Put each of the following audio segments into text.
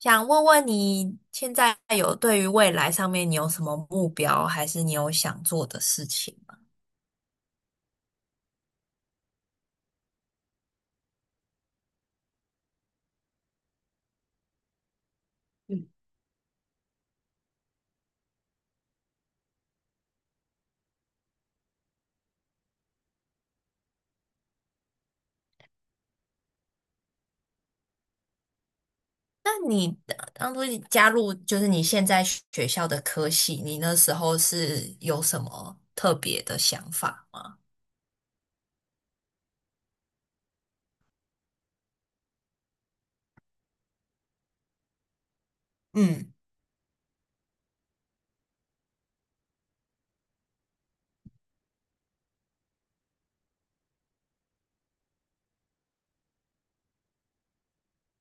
想问问你现在有对于未来上面你有什么目标，还是你有想做的事情吗？那你呃当初你加入就是你现在学校的科系，你那时候是有什么特别的想法吗？嗯，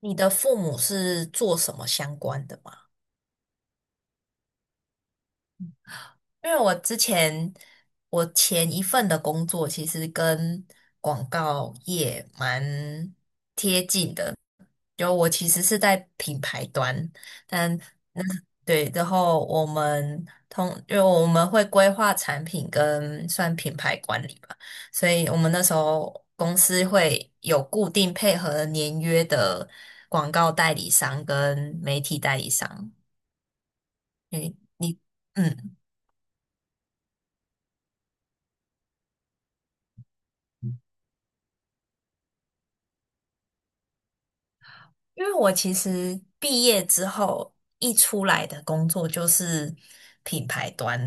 你的父母是做什么相关的吗？因为我前一份的工作其实跟广告业蛮贴近的，就我其实是在品牌端，但那对，然后我们通，因为我们会规划产品跟算品牌管理吧，所以我们那时候公司会有固定配合年约的广告代理商跟媒体代理商，对，你。嗯。因为我其实毕业之后一出来的工作就是品牌端，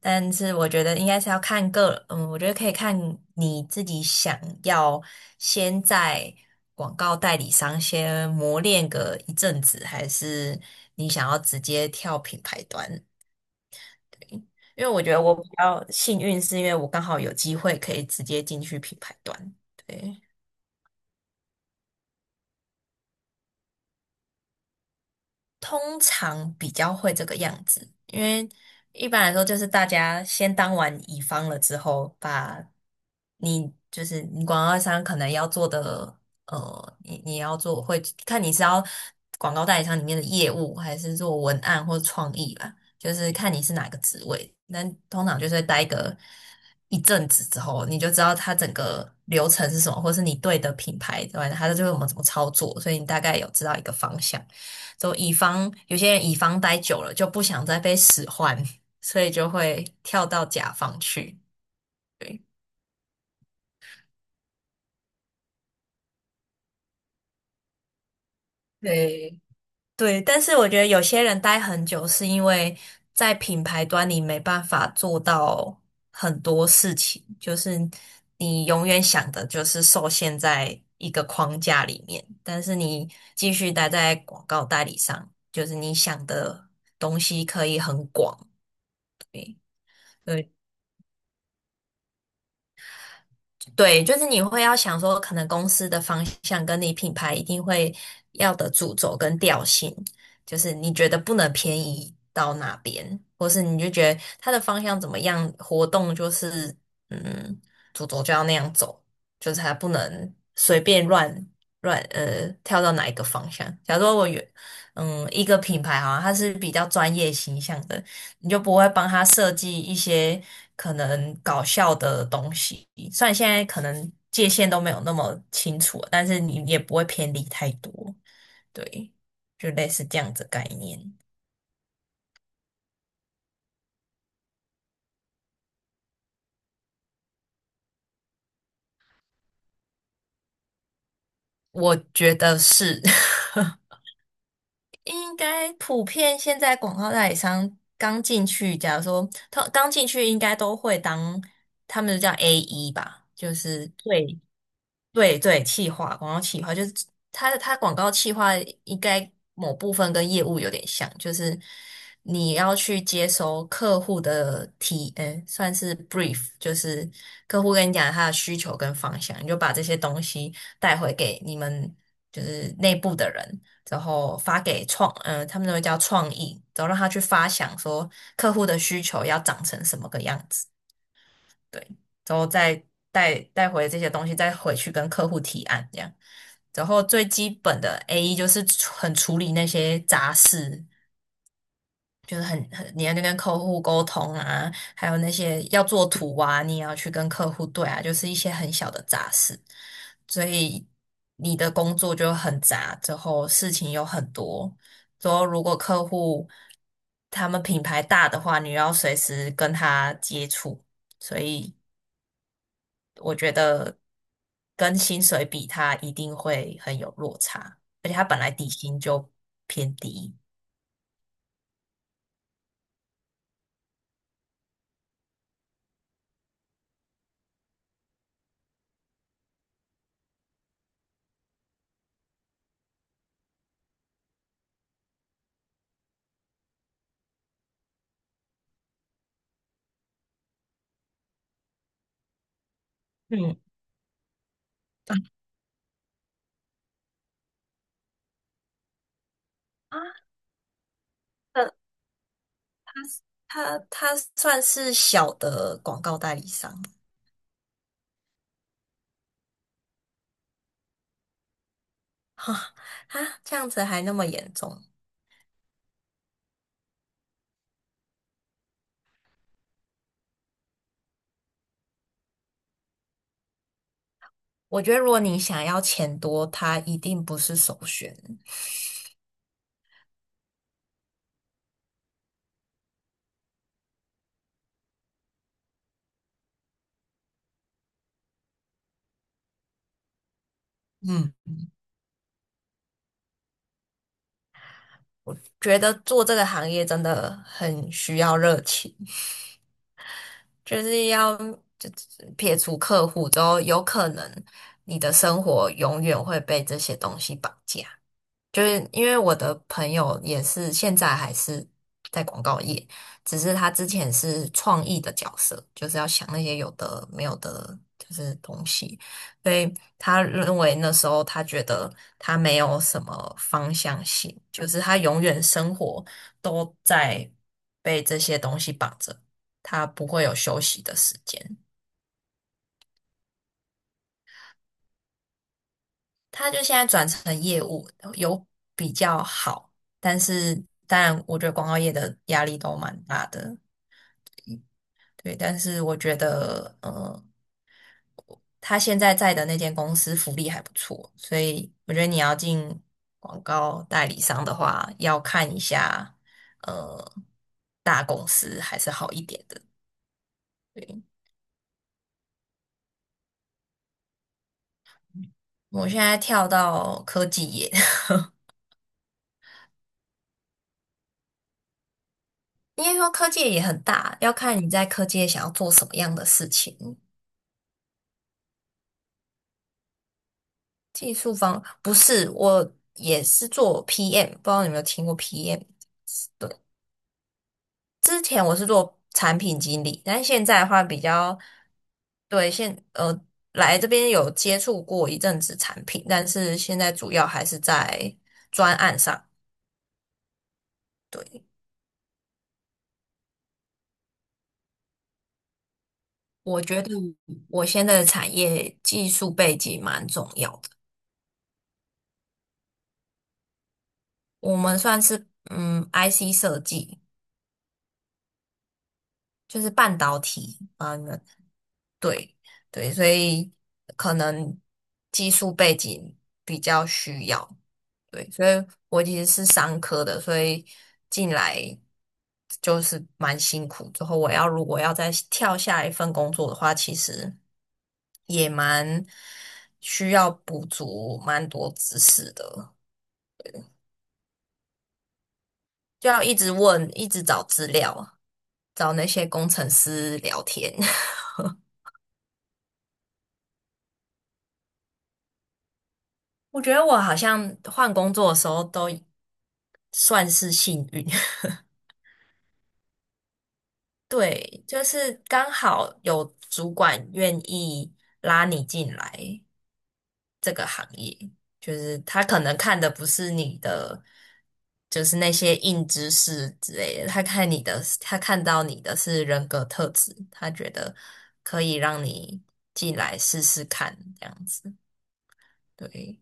但是我觉得应该是要看个，我觉得可以看你自己想要先在广告代理商先磨练个一阵子，还是你想要直接跳品牌端？因为我觉得我比较幸运，是因为我刚好有机会可以直接进去品牌端，对。通常比较会这个样子，因为一般来说就是大家先当完乙方了之后，把你就是你广告商可能要做的，你要做会看你是要广告代理商里面的业务，还是做文案或创意吧，就是看你是哪个职位。那通常就是会待个一阵子之后，你就知道它整个流程是什么，或是你对的品牌对吧，它就会我们怎么操作，所以你大概有知道一个方向。就乙方有些人乙方待久了就不想再被使唤，所以就会跳到甲方去。对对，对，但是我觉得有些人待很久是因为在品牌端你没办法做到很多事情，就是你永远想的就是受限在一个框架里面，但是你继续待在广告代理商，就是你想的东西可以很广。对，就是你会要想说，可能公司的方向跟你品牌一定会要的主轴跟调性，就是你觉得不能偏移到哪边，或是你就觉得它的方向怎么样，活动就是嗯，主轴就要那样走，就是它不能随便乱跳到哪一个方向。假如说我原嗯一个品牌好像它是比较专业形象的，你就不会帮他设计一些可能搞笑的东西。虽然现在可能界限都没有那么清楚了，但是你也不会偏离太多。对，就类似这样子概念，我觉得是 应该普遍现在广告代理商刚进去，假如说他刚进去，应该都会当他们叫 AE 吧，就是最对对，企划广告企划就是它广告企划应该某部分跟业务有点像，就是你要去接收客户的提，嗯，算是 brief，就是客户跟你讲他的需求跟方向，你就把这些东西带回给你们就是内部的人，然后发给创，嗯、他们都会叫创意，然后让他去发想说客户的需求要长成什么个样子。对，之后再带回这些东西，再回去跟客户提案这样。然后最基本的 AE 就是处理那些杂事，就是你要去跟客户沟通啊，还有那些要做图啊，你也要去跟客户对啊，就是一些很小的杂事。所以你的工作就很杂，之后事情有很多。之后如果客户他们品牌大的话，你要随时跟他接触，所以。我觉得跟薪水比，它一定会很有落差，而且它本来底薪就偏低。嗯，啊，呃，他他算是小的广告代理商吗？哈 啊，这样子还那么严重？我觉得如果你想要钱多，他一定不是首选。嗯，觉得做这个行业真的很需要热情。就是要就撇除客户之后，有可能你的生活永远会被这些东西绑架。就是因为我的朋友也是现在还是在广告业，只是他之前是创意的角色，就是要想那些有的没有的，就是东西。所以他认为那时候他觉得他没有什么方向性，就是他永远生活都在被这些东西绑着，他不会有休息的时间。他就现在转成业务，有比较好，但是当然，我觉得广告业的压力都蛮大的，对。但是我觉得，他现在在的那间公司福利还不错，所以我觉得你要进广告代理商的话，要看一下，呃，大公司还是好一点的。对，我现在跳到科技业，应该说科技业也很大，要看你在科技业想要做什么样的事情。技术方不是，我也是做 PM，不知道你有没有听过 PM？对，之前我是做产品经理，但现在的话比较对现呃来这边有接触过一阵子产品，但是现在主要还是在专案上。对，我觉得我现在的产业技术背景蛮重要的，我们算是IC 设计，就是半导体，啊，对对，所以可能技术背景比较需要。对，所以我其实是商科的，所以进来就是蛮辛苦。之后我要如果要再跳下一份工作的话，其实也蛮需要补足蛮多知识的，就要一直问，一直找资料，找那些工程师聊天。我觉得我好像换工作的时候都算是幸运，对，就是刚好有主管愿意拉你进来这个行业，就是他可能看的不是你的，就是那些硬知识之类的，他看到你的是人格特质，他觉得可以让你进来试试看，这样子。对，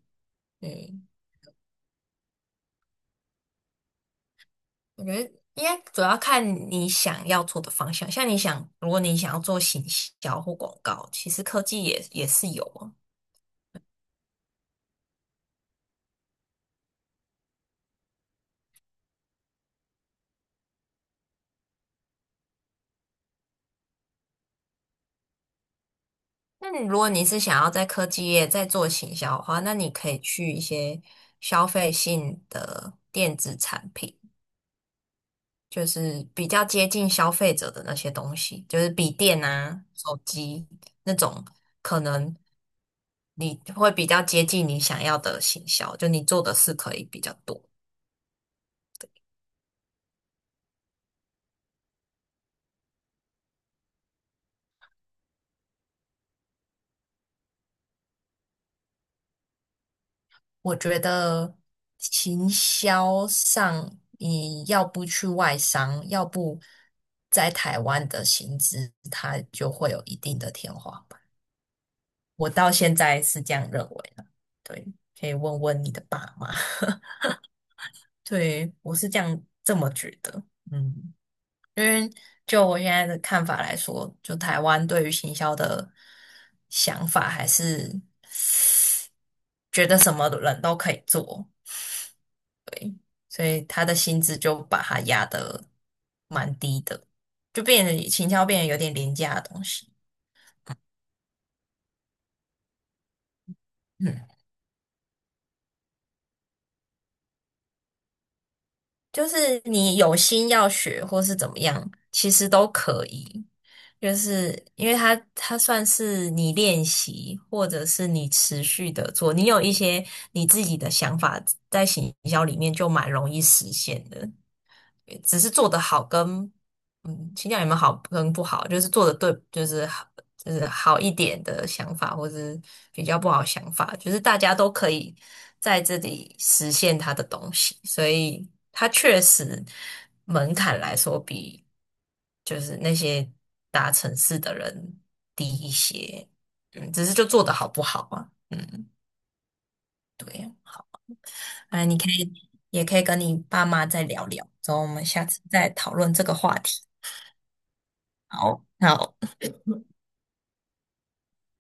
嗯，我觉得应该主要看你想要做的方向，像你想，如果你想要做行销或广告，其实科技也是有啊。那你如果是想要在科技业再做行销的话，那你可以去一些消费性的电子产品，就是比较接近消费者的那些东西，就是笔电啊、手机那种，可能你会比较接近你想要的行销，就你做的事可以比较多。我觉得行销上，你要不去外商，要不在台湾的薪资，它就会有一定的天花板。我到现在是这样认为的，对，可以问问你的爸妈。对，我是这样这么觉得，嗯，因为就我现在的看法来说，就台湾对于行销的想法，还是觉得什么人都可以做，所以他的薪资就把它压得蛮低的，就变得行销变得有点廉价的东西。嗯，就是你有心要学或是怎么样，其实都可以。就是因为他算是你练习，或者是你持续的做，你有一些你自己的想法在行销里面就蛮容易实现的。只是做得好跟嗯，倾向有没有好跟不好，就是做的对，就是好，就是好一点的想法，或是比较不好的想法，就是大家都可以在这里实现他的东西，所以他确实门槛来说比就是那些大城市的人低一些，嗯，只是就做的好不好啊，嗯，对啊，哎，你也可以跟你爸妈再聊聊，之后我们下次再讨论这个话题。好，那